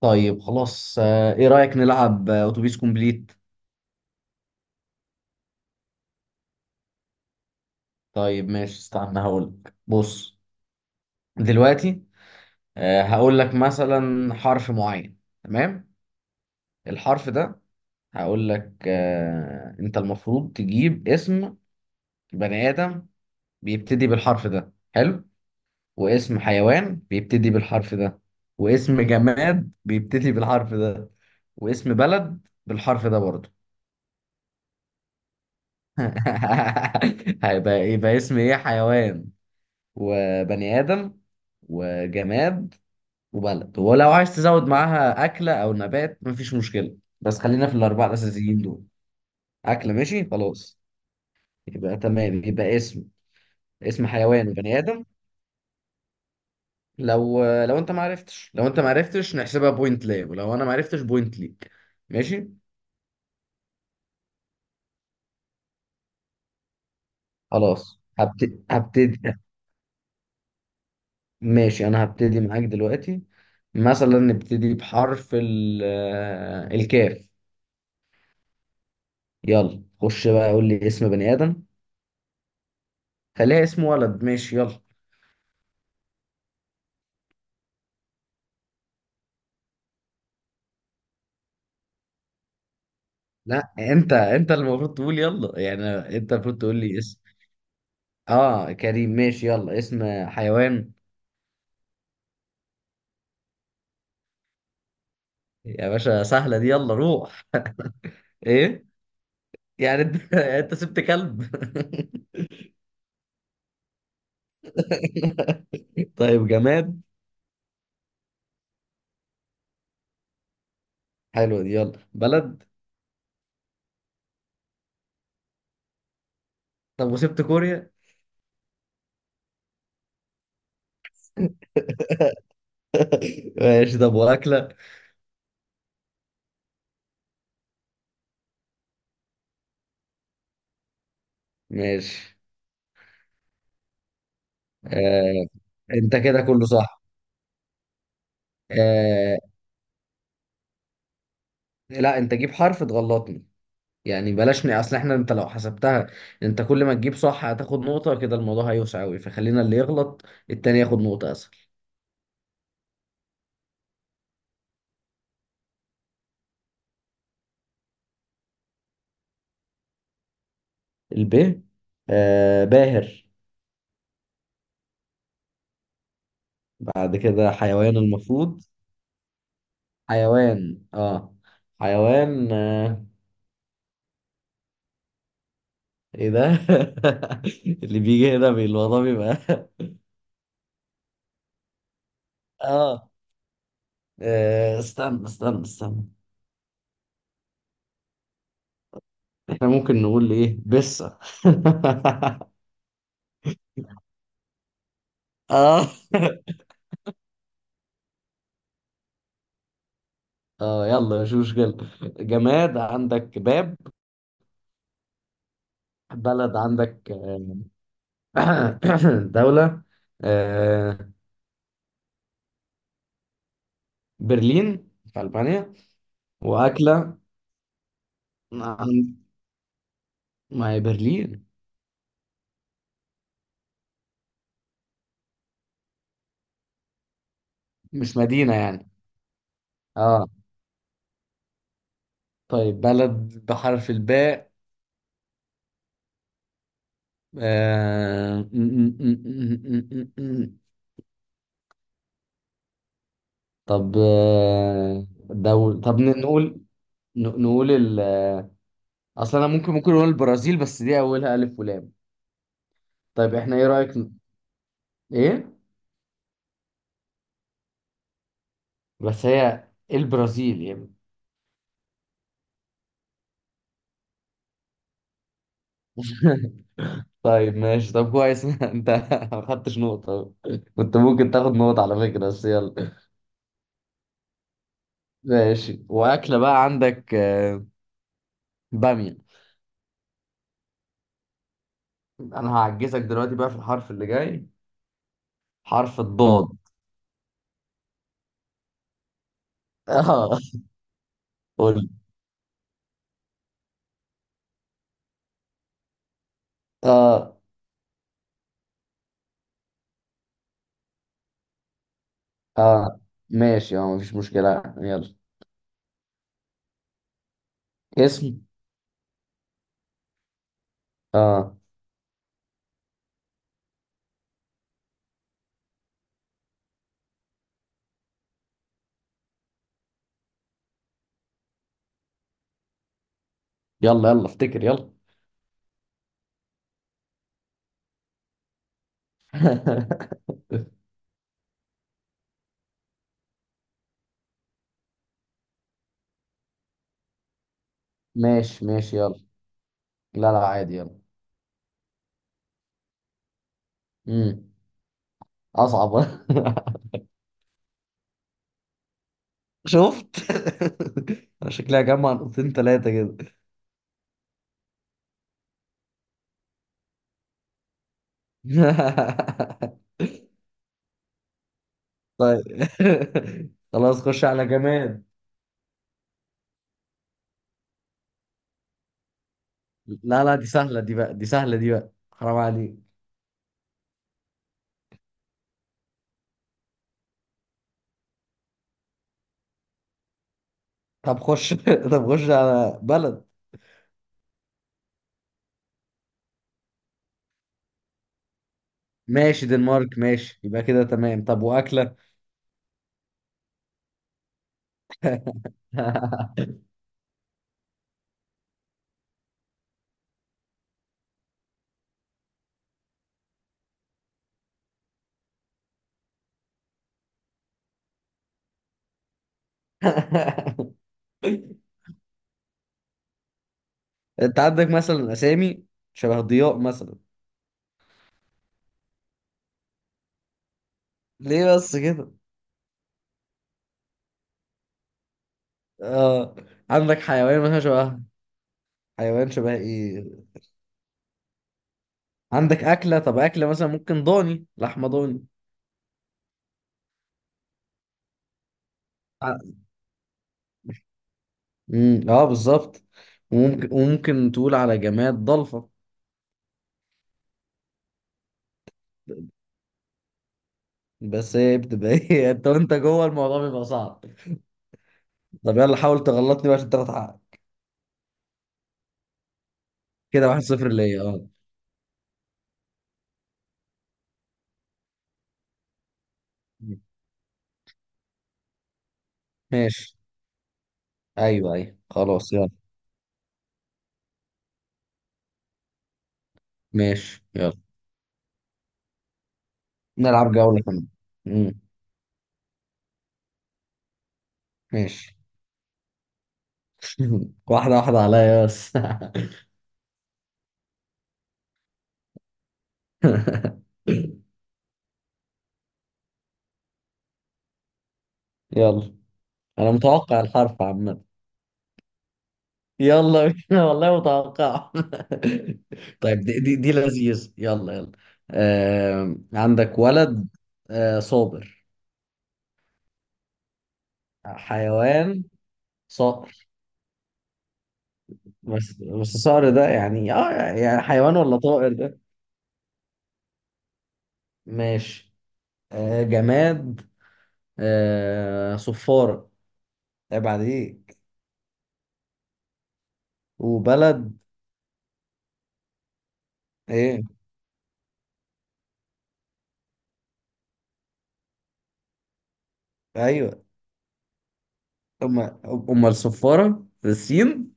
طيب خلاص، ايه رأيك نلعب اتوبيس كومبليت؟ طيب ماشي، استنى هقولك. بص دلوقتي. هقولك مثلا حرف معين، تمام؟ الحرف ده. هقولك انت المفروض تجيب اسم بني آدم بيبتدي بالحرف ده، حلو. واسم حيوان بيبتدي بالحرف ده، واسم جماد بيبتدي بالحرف ده، واسم بلد بالحرف ده برضه. يبقى اسم ايه، حيوان وبني آدم وجماد وبلد، ولو عايز تزود معاها أكلة أو نبات مفيش مشكلة، بس خلينا في الأربعة الأساسيين دول. أكلة، ماشي خلاص. يبقى تمام، يبقى اسم حيوان وبني آدم. لو أنت معرفتش، نحسبها بوينت ليا، ولو أنا معرفتش بوينت ليك. ماشي. خلاص، هبتدي. ماشي، أنا هبتدي معاك دلوقتي. مثلا نبتدي بحرف الكاف. يلا خش بقى قول لي اسم بني آدم. خليها اسم ولد، ماشي، يلا. لا، انت اللي المفروض تقول يلا، يعني انت المفروض تقول لي اسم. اه كريم، ماشي، يلا اسم حيوان. يا باشا سهلة دي، يلا روح. ايه؟ يعني انت انت سبت كلب؟ طيب جماد. حلو دي، يلا بلد. طب وسبت كوريا؟ ماشي، طب واكلة. ماشي. آه، انت كده كله صح. آه. لا، انت جيب حرف تغلطني. يعني بلاش اصل احنا، انت لو حسبتها، انت كل ما تجيب صح هتاخد نقطة، كده الموضوع هيوسع قوي، فخلينا اللي يغلط التاني ياخد نقطة، اسهل. الب. آه، باهر. بعد كده حيوان المفروض. حيوان، اه. حيوان. آه، ايه ده؟ اللي بيجي هنا الموضوع بيبقى اه. استنى استنى استنى. احنا ممكن نقول ايه؟ بسة. اه. اه، يلا مش مشكلة. جماد عندك باب. بلد عندك دولة. آه، برلين في ألبانيا. وأكلة. عن- ما هي برلين. مش مدينة يعني؟ اه. طيب بلد بحرف الباء. آه، م- م- م- م- م- م- م. طب، دول. طب نقول. نقول ال. اصلا انا ممكن نقول البرازيل، بس دي اولها الف ولام. طيب احنا ايه رأيك ايه؟ بس هي البرازيل يعني. طيب ماشي، طب كويس. انت ما خدتش نقطة. كنت ممكن تاخد نقطة على فكرة، بس يلا. ماشي، وأكلة بقى عندك بامية. أنا هعجزك دلوقتي بقى في الحرف اللي جاي. حرف الضاد. اه. قول. اه. اه، ماشي، اه مفيش مشكلة، يلا. اسم. اه، يلا يلا افتكر، يلا. ماشي ماشي، يلا. لا لا، عادي، يلا. امم أصعب. شفت. أنا شكلها جمع نقطتين تلاتة كده. طيب. خلاص، خش على جماد. لا لا، دي سهلة دي بقى، حرام عليك. طب خش. طب خش على بلد. ماشي، دنمارك، ماشي، يبقى كده تمام. طب وأكلة. انت عندك مثلا أسامي شبه ضياء مثلا. ليه بس كده؟ اه، عندك حيوان مثلا شبه. حيوان شبه ايه. عندك أكلة، طب أكلة مثلا ممكن ضاني، لحمة ضاني. اه بالظبط. وممكن، تقول على جماد ضلفة. بس هي بتبقى ايه، انت وانت جوه الموضوع بيبقى صعب. طب يلا حاول تغلطني بقى عشان تاخد حقك. كده واحد صفر ليا، اه. ماشي، ايوه ايوه، خلاص يلا. ماشي، يلا. نلعب جولة كمان. امم. ماشي. واحدة واحدة عليا بس. يلا. انا متوقع الحرف عامة. يلا بينا، والله متوقع. طيب، دي لذيذ، يلا يلا. عندك ولد. صابر. حيوان، صقر. بس الصقر ده يعني، يعني حيوان ولا طائر ده؟ ماشي. جماد. صفارة. عيب عليك. وبلد. ايه؟ ايوه. امال امال الصفارة السين.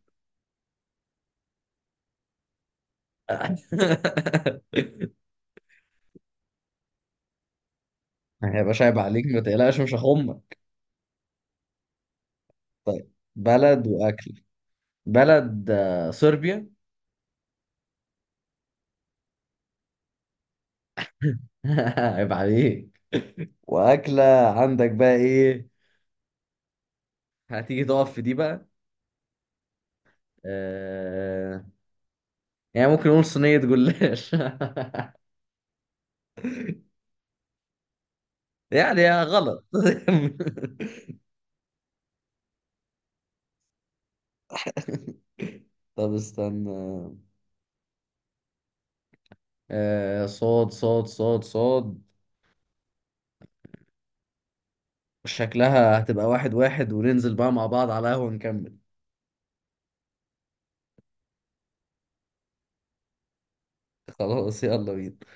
ما هيبقاش، عيب عليك، ما تقلقش مش هخمك. طيب بلد واكل. بلد صربيا. عيب عليك. واكله. عندك بقى ايه؟ هتيجي تقف في دي بقى. آه... يعني ممكن نقول صينيه جلاش. يعني غلط. طب استنى. آه، صاد صاد صاد صاد. شكلها هتبقى واحد واحد، وننزل بقى مع بعض على قهوة نكمل. خلاص، يلا بينا.